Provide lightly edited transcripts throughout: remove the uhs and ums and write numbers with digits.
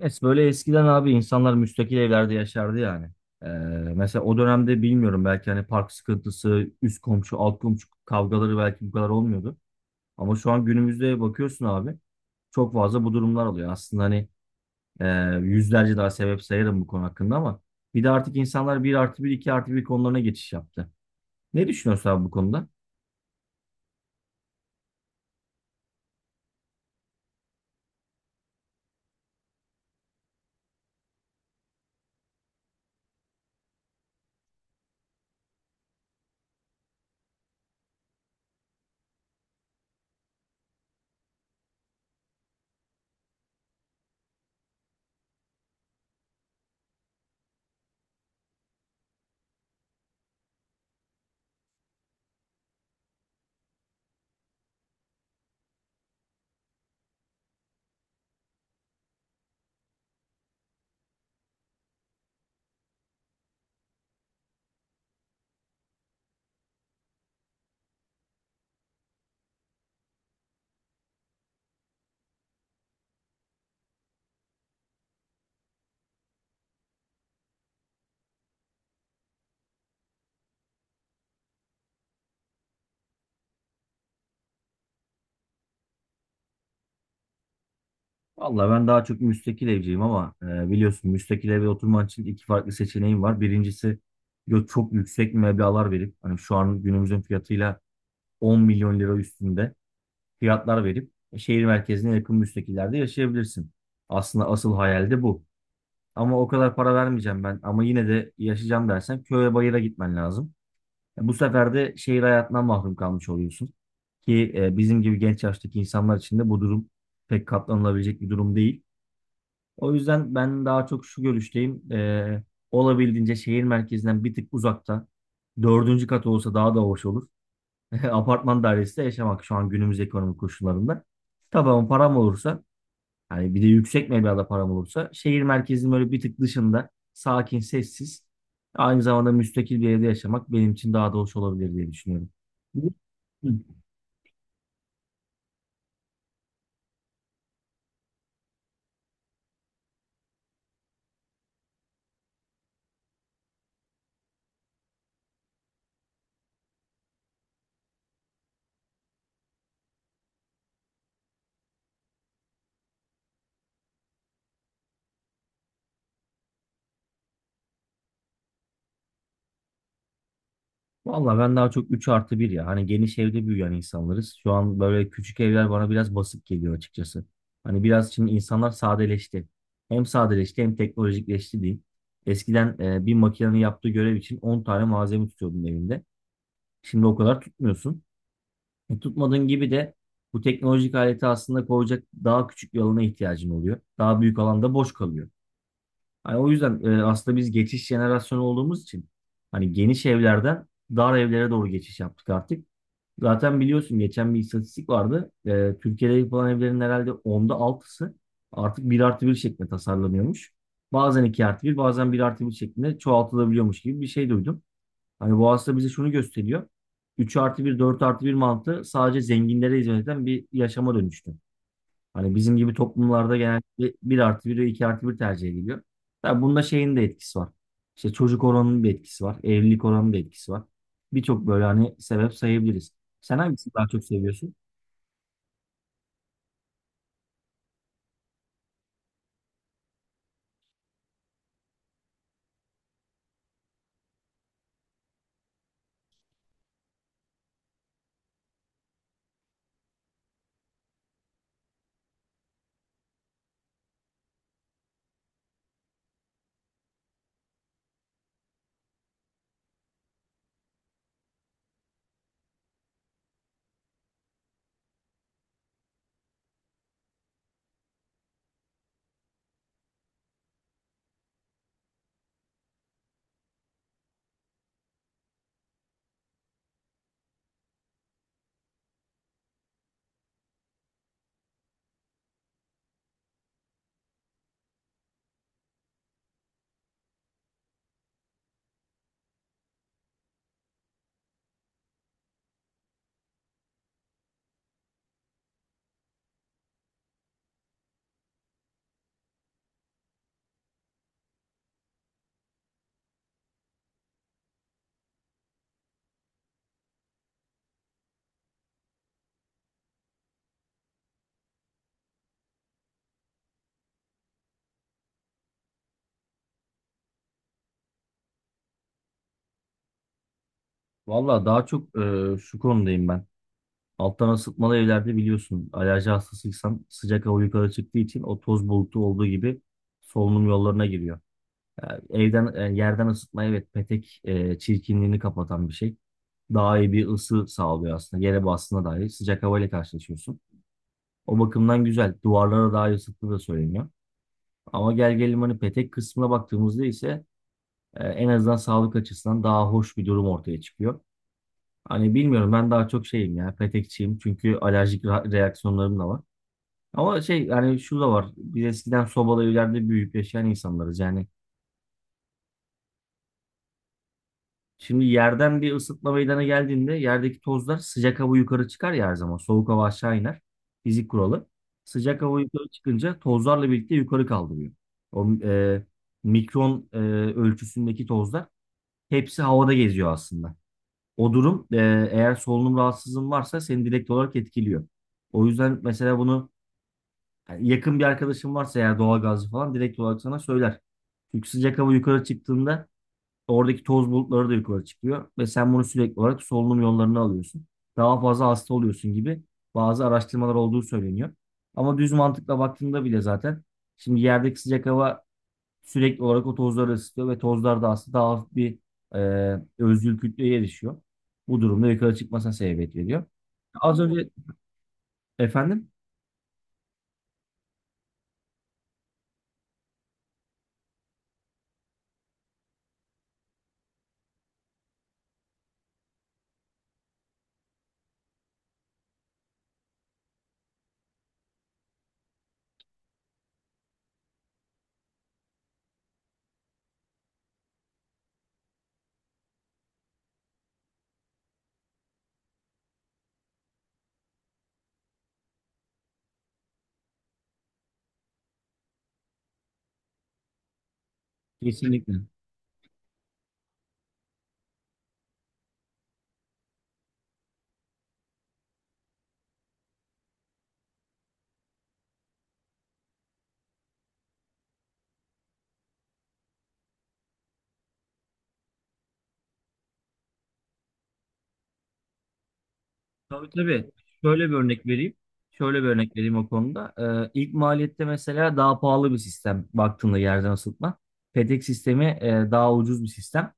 Böyle eskiden abi, insanlar müstakil evlerde yaşardı yani. Ee, Mesela o dönemde bilmiyorum, belki hani park sıkıntısı, üst komşu, alt komşu kavgaları belki bu kadar olmuyordu. Ama şu an günümüzde bakıyorsun abi, çok fazla bu durumlar oluyor. Aslında hani, e, yüzlerce daha sebep sayarım bu konu hakkında, ama bir de artık insanlar bir artı bir, iki artı bir konularına geçiş yaptı. Ne düşünüyorsun abi bu konuda? Vallahi ben daha çok müstakil evciyim, ama biliyorsun müstakil eve oturman için iki farklı seçeneğim var. Birincisi, çok yüksek meblağlar verip hani şu an günümüzün fiyatıyla 10 milyon lira üstünde fiyatlar verip, şehir merkezine yakın müstakillerde yaşayabilirsin. Aslında asıl hayal de bu. Ama o kadar para vermeyeceğim ben, ama yine de yaşayacağım dersen köye bayıra gitmen lazım. Bu sefer de şehir hayatından mahrum kalmış oluyorsun. Ki bizim gibi genç yaştaki insanlar için de bu durum pek katlanılabilecek bir durum değil. O yüzden ben daha çok şu görüşteyim. Olabildiğince şehir merkezinden bir tık uzakta. Dördüncü kat olsa daha da hoş olur. Apartman dairesinde yaşamak şu an günümüz ekonomik koşullarında. Tabii, ama param olursa, hani bir de yüksek meblağda param olursa, şehir merkezinin böyle bir tık dışında, sakin, sessiz, aynı zamanda müstakil bir evde yaşamak benim için daha da hoş olabilir diye düşünüyorum. Hı. Vallahi ben daha çok 3 artı bir ya. Hani geniş evde büyüyen insanlarız. Şu an böyle küçük evler bana biraz basit geliyor açıkçası. Hani biraz şimdi insanlar sadeleşti. Hem sadeleşti hem teknolojikleşti diyeyim. Eskiden bir makinenin yaptığı görev için 10 tane malzeme tutuyordun evinde. Şimdi o kadar tutmuyorsun. Tutmadığın gibi de bu teknolojik aleti aslında koyacak daha küçük bir alana ihtiyacın oluyor. Daha büyük alanda boş kalıyor. Hani o yüzden, aslında biz geçiş jenerasyonu olduğumuz için hani geniş evlerden dar evlere doğru geçiş yaptık artık. Zaten biliyorsun geçen bir istatistik vardı. Türkiye'de yapılan evlerin herhalde onda altısı artık 1 artı 1 şeklinde tasarlanıyormuş. Bazen 2 artı 1 bazen 1 artı 1 şeklinde çoğaltılabiliyormuş gibi bir şey duydum. Hani bu aslında bize şunu gösteriyor. 3 artı 1, 4 artı 1 mantığı sadece zenginlere hizmet eden bir yaşama dönüştü. Hani bizim gibi toplumlarda genellikle bir artı 1 ve 2 artı bir tercih ediliyor. Tabii bunda şeyin de etkisi var. İşte çocuk oranının bir etkisi var. Evlilik oranının da etkisi var. Birçok böyle hani sebep sayabiliriz. Sen hangisini daha çok seviyorsun? Valla daha çok şu konudayım ben. Alttan ısıtmalı evlerde biliyorsun, alerji hastasıysan sıcak hava yukarı çıktığı için o toz bulutu olduğu gibi solunum yollarına giriyor. Yani evden, yerden ısıtma, evet, petek, çirkinliğini kapatan bir şey. Daha iyi bir ısı sağlıyor aslında. Gene basına dair sıcak havayla karşılaşıyorsun. O bakımdan güzel. Duvarlara daha iyi ısıttığı da söyleniyor. Ama gel gelelim hani petek kısmına baktığımızda ise, en azından sağlık açısından daha hoş bir durum ortaya çıkıyor. Hani bilmiyorum, ben daha çok şeyim ya, petekçiyim, çünkü alerjik reaksiyonlarım da var. Ama şey, yani şu da var, biz eskiden sobalı evlerde büyüyüp yaşayan insanlarız yani. Şimdi yerden bir ısıtma meydana geldiğinde yerdeki tozlar, sıcak hava yukarı çıkar ya her zaman. Soğuk hava aşağı iner. Fizik kuralı. Sıcak hava yukarı çıkınca tozlarla birlikte yukarı kaldırıyor. O mikron ölçüsündeki tozlar, hepsi havada geziyor aslında. O durum, eğer solunum rahatsızlığın varsa seni direkt olarak etkiliyor. O yüzden mesela bunu, yani yakın bir arkadaşın varsa eğer doğalgazcı falan direkt olarak sana söyler. Çünkü sıcak hava yukarı çıktığında oradaki toz bulutları da yukarı çıkıyor ve sen bunu sürekli olarak solunum yollarını alıyorsun. Daha fazla hasta oluyorsun gibi bazı araştırmalar olduğu söyleniyor. Ama düz mantıkla baktığında bile zaten şimdi yerdeki sıcak hava sürekli olarak o tozları ısıtıyor ve tozlar da aslında daha hafif bir özgül kütleye erişiyor. Bu durumda yukarı çıkmasına sebebiyet veriyor. Az önce efendim, kesinlikle. Tabii, tabii. Şöyle bir örnek vereyim. Şöyle bir örnek vereyim o konuda. İlk maliyette mesela daha pahalı bir sistem, baktığında yerden ısıtma. Petek sistemi daha ucuz bir sistem.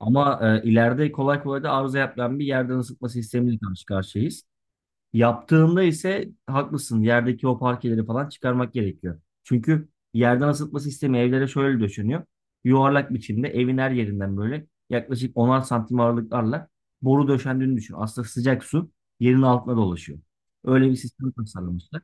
Ama ileride kolay kolay da arıza yapılan bir yerden ısıtma sistemiyle karşı karşıyayız. Yaptığında ise haklısın. Yerdeki o parkeleri falan çıkarmak gerekiyor. Çünkü yerden ısıtma sistemi evlere şöyle döşeniyor. Yuvarlak biçimde evin her yerinden böyle yaklaşık onar santim aralıklarla boru döşendiğini düşün. Aslında sıcak su yerin altına dolaşıyor. Öyle bir sistem tasarlamışlar.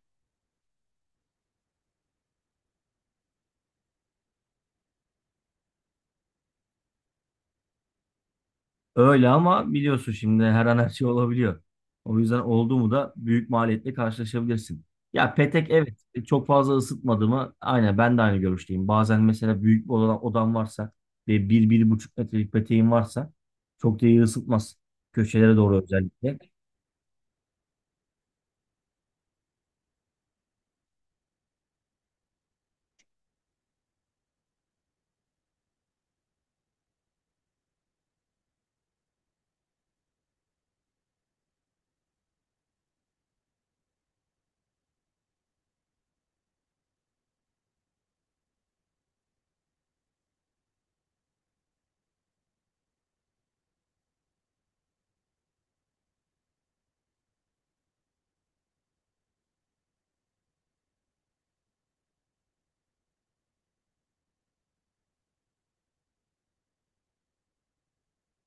Öyle, ama biliyorsun şimdi her an her şey olabiliyor. O yüzden oldu mu da büyük maliyetle karşılaşabilirsin. Ya petek, evet, çok fazla ısıtmadı mı? Aynen, ben de aynı görüşteyim. Bazen mesela büyük bir odam varsa ve bir, bir buçuk metrelik peteğim varsa çok da iyi ısıtmaz. Köşelere doğru özellikle.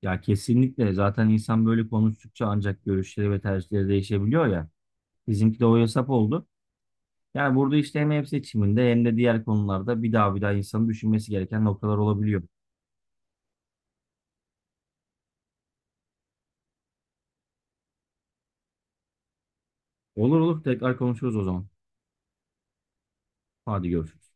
Ya kesinlikle, zaten insan böyle konuştukça ancak görüşleri ve tercihleri değişebiliyor ya. Bizimki de o hesap oldu. Yani burada işte hem ev seçiminde hem de diğer konularda bir daha bir daha insanın düşünmesi gereken noktalar olabiliyor. Olur olur, tekrar konuşuruz o zaman. Hadi görüşürüz.